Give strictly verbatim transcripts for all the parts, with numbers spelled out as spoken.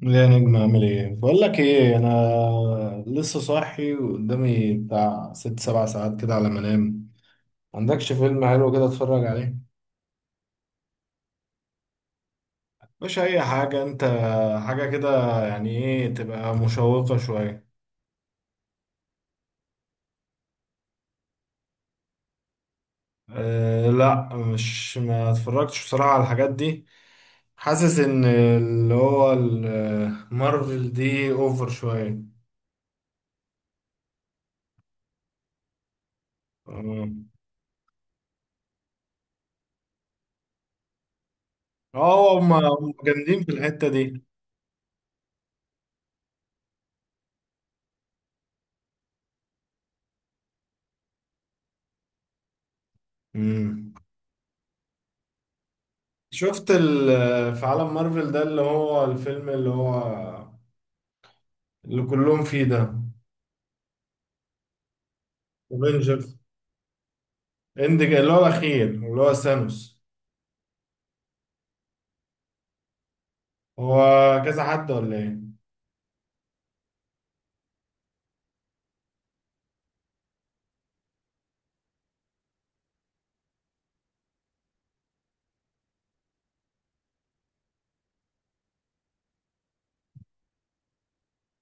لا يا نجم، اعمل ايه؟ بقول لك ايه، انا لسه صاحي وقدامي بتاع ست سبع ساعات كده على ما انام. عندكش فيلم حلو كده اتفرج عليه؟ مش اي حاجه انت، حاجه كده، يعني ايه تبقى مشوقه شويه. أه لا، مش ما اتفرجتش بصراحه على الحاجات دي. حاسس ان اللي هو ال- مارفل دي اوفر شويه. اه، آه، هم هم جامدين في الحته دي. مم. شفت ال- في عالم مارفل ده، اللي هو الفيلم اللي هو اللي كلهم فيه ده. افنجرز اند، اللي هو الاخير اللي هو ثانوس. هو كذا حد ولا ايه؟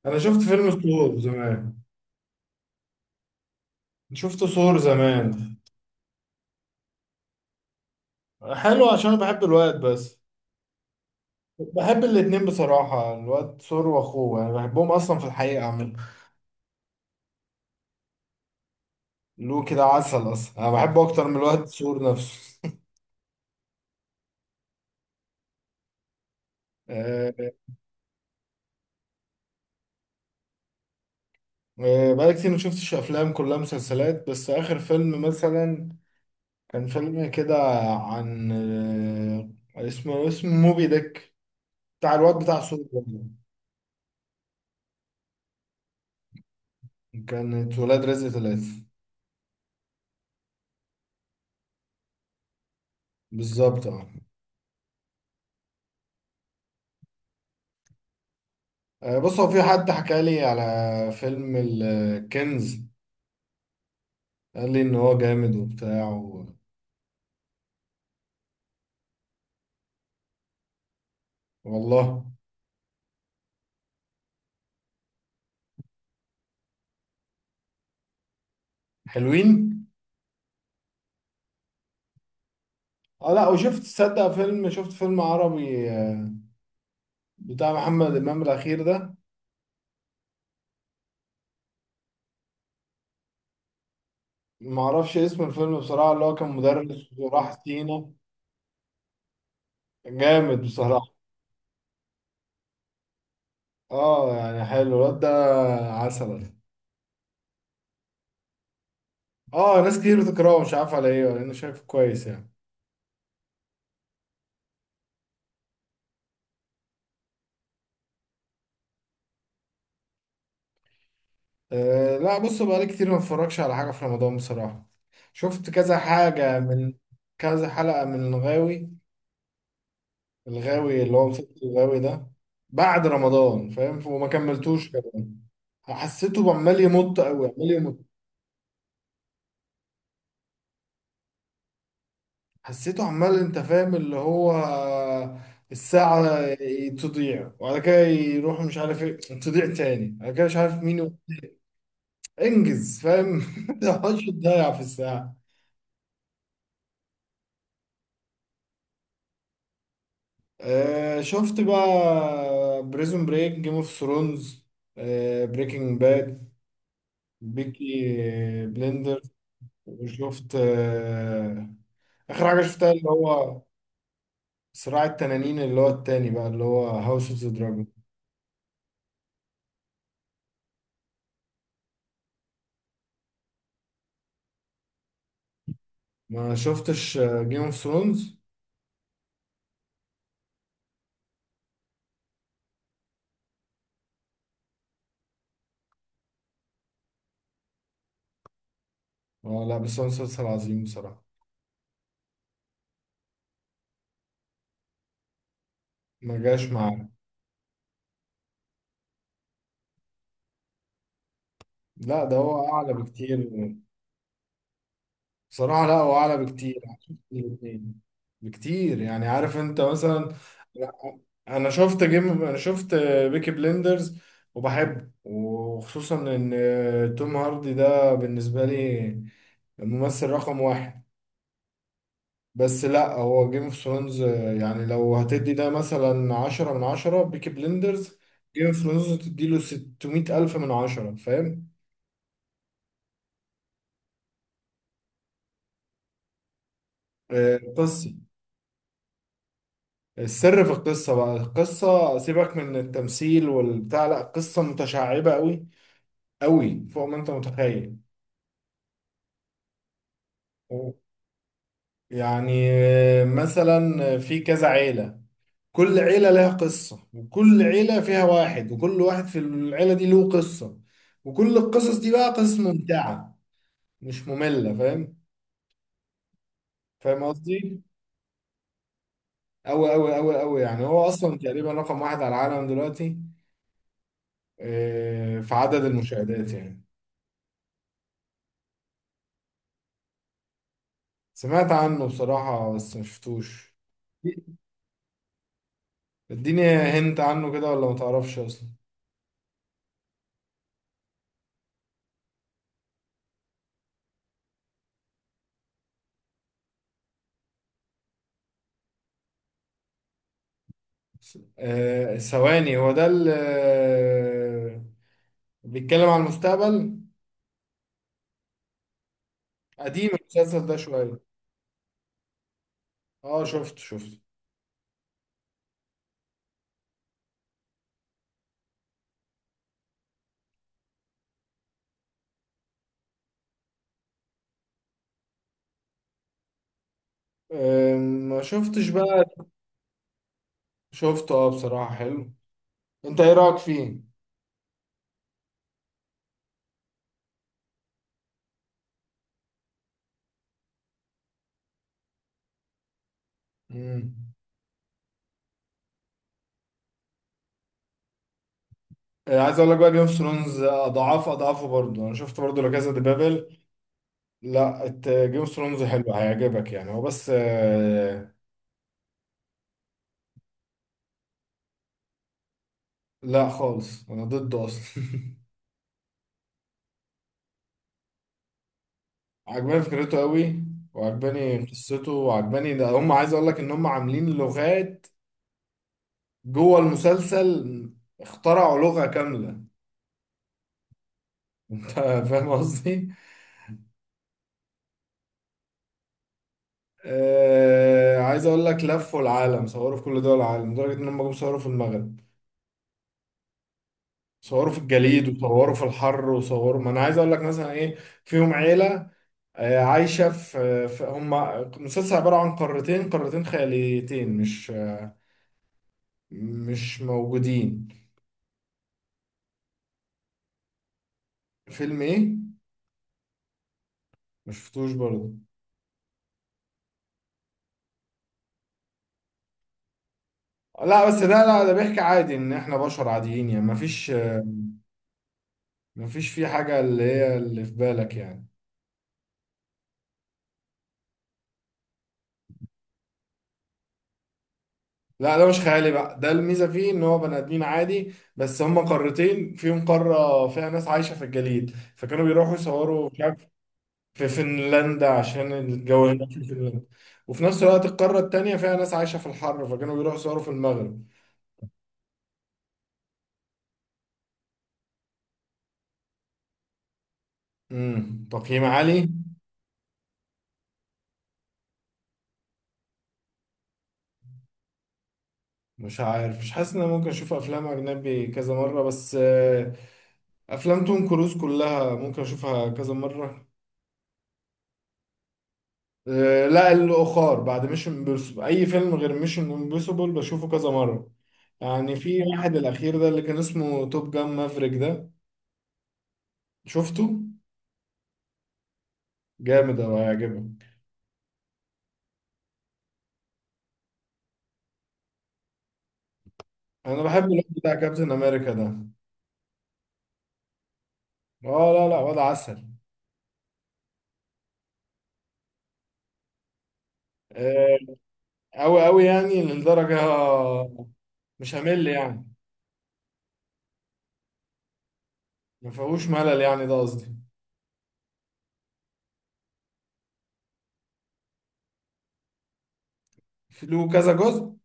انا شفت فيلم ثور زمان. شفت ثور زمان. حلو عشان أنا بحب الواد، بس بحب الاتنين بصراحة، الواد ثور واخوه، يعني بحبهم اصلا في الحقيقة. عامل له كده عسل اصلا، انا بحبه اكتر من الواد ثور نفسه. آه، بقالي كتير ما شفتش افلام، كلها مسلسلات، بس اخر فيلم مثلا كان فيلم كده عن، آه، اسمه اسمه موبي ديك، بتاع الواد بتاع سوريا ده. كانت ولاد رزق ثلاثة. بالظبط اه. آه، بص هو في حد حكى لي على فيلم الكنز، قال لي ان هو جامد وبتاع و- والله. حلوين. اه لا، وشفت تصدق فيلم، شفت فيلم عربي آه، بتاع محمد امام الاخير ده، ما اعرفش اسم الفيلم بصراحه، اللي هو كان مدرس وراح سينا. جامد بصراحه. اه، يعني حلو الواد ده، عسل. اه، ناس كتير بتكرهه، مش عارف على ايه، انا شايفه كويس يعني. آه لا، بص بقالي كتير ما اتفرجش على حاجه في رمضان بصراحه. شفت كذا حاجه من، كذا حلقه من الغاوي، الغاوي اللي هو مسلسل الغاوي ده، بعد رمضان فاهم، وما كملتوش كمان. حسيته عمال يمط قوي، عمال يمط. حسيته عمال، انت فاهم، اللي هو الساعة تضيع وبعد كده يروح مش عارف ايه، تضيع تاني بعد كده مش عارف مين و... انجز فاهم. ما تقعدش تضيع في الساعة. آه شفت بقى بريزون بريك، جيم اوف ثرونز، آه بريكنج باد، بيكي بلندر، وشفت آه اخر حاجة شفتها اللي هو صراع التنانين، اللي هو التاني بقى اللي هو هاوس اوف ذا دراجون. ما شفتش جيم اوف ثرونز. اه لا، بس هو مسلسل عظيم بصراحة. ما جاش معاه، لا ده هو أعلى بكتير. بصراحة لا، هو أعلى بكتير. شفت الاتنين بكتير يعني، عارف أنت مثلا؟ لا، أنا شفت جيم، أنا شفت بيكي بليندرز وبحبه، وخصوصا إن توم هاردي ده بالنسبة لي الممثل رقم واحد. بس لا، هو جيم اوف ثرونز يعني، لو هتدي ده مثلا عشرة من عشرة، بيكي بليندرز، جيم اوف ثرونز تديله ستمية ألف من عشرة، فاهم؟ آه، القصة. السر في القصة بقى، القصة، سيبك من التمثيل والبتاع، لا قصة متشعبة قوي، قوي فوق ما انت متخيل. و- يعني آه، مثلا في كذا عيلة، كل عيلة لها قصة، وكل عيلة فيها واحد، وكل واحد في العيلة دي له قصة. وكل القصص دي بقى قصص ممتعة، مش مملة فاهم، فاهم قصدي؟ أوي أوي أوي أوي، يعني هو أصلا تقريبا رقم واحد على العالم دلوقتي، آه، في عدد المشاهدات يعني. سمعت عنه بصراحة، بس مشفتوش. اديني هنت عنه كده، ولا ما تعرفش اصلا؟ آه ثواني، هو ده اللي آه، بيتكلم عن المستقبل. قديم المسلسل ده شوية. اه شفت شفت. آه ما شفتش بقى. شفته اه، بصراحة حلو. انت ايه رأيك فيه؟ مم. آه، عايز اقول لك بقى، جيم اوف ثرونز اضعاف اضعافه برضه. انا شفت برضه لا كازا دي بابل، لا، جيم اوف ثرونز حلو هيعجبك يعني، هو بس آه، لا خالص انا ضده اصلا. عجباني فكرته قوي، وعجباني قصته، وعجباني ده، هم عايز اقول لك ان هم عاملين لغات جوه المسلسل، اخترعوا لغة كاملة. انت فاهم قصدي. آه، عايز اقول لك لفوا العالم، صوروا في كل دول العالم، لدرجة ان هم جم صوروا في المغرب. صوروا في الجليد، وصوروا في الحر، وصوروا، ما انا عايز اقول لك مثلا ايه. فيهم عيلة آه، عايشة في في- هم مسلسل عبارة عن قارتين، قارتين خياليتين، مش مش موجودين. فيلم ايه؟ مشفتوش برضه. لا بس ده، لا ده بيحكي عادي ان احنا بشر عاديين يعني، مفيش مفيش فيه حاجة اللي هي اللي في بالك يعني. لا ده مش خيالي بقى، ده الميزة فيه ان هو بني ادمين عادي، بس هما قارتين فيهم قارة فيها ناس عايشة في الجليد، فكانوا بيروحوا يصوروا مش عارف في فنلندا عشان الجو هناك في فنلندا. وفي نفس الوقت القارة التانية فيها ناس عايشة في الحر، فكانوا بيروحوا يصوروا في المغرب. امم تقييم عالي. مش عارف، مش حاسس ان انا ممكن اشوف افلام اجنبي كذا مره، بس آه، افلام توم كروز كلها ممكن اشوفها كذا مره. آه، لا الاخر بعد ميشن امبوسيبل، اي فيلم غير ميشن امبوسيبل بشوفه كذا مره. يعني في واحد الاخير ده اللي كان اسمه توب جان مافريك ده، شفته؟ جامد اوي هيعجبك. انا بحب الواد بتاع كابتن امريكا ده. اه لا لا، واد عسل. آه، اوي اوي يعني لدرجه، مش همل يعني، ما فيهوش ملل يعني ده قصدي. له كذا جزء؟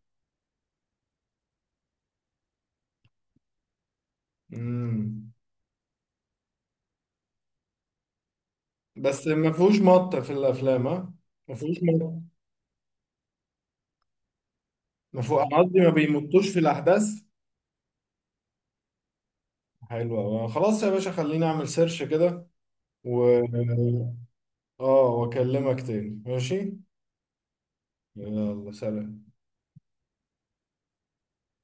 امم. بس ما فيهوش مط في الافلام ها؟ ما فيهوش مط، ما فيه، انا قصدي ما بيمطوش في الاحداث. حلو أوي. خلاص يا باشا، خليني اعمل سيرش كده و اه واكلمك تاني ماشي. يلا سلام.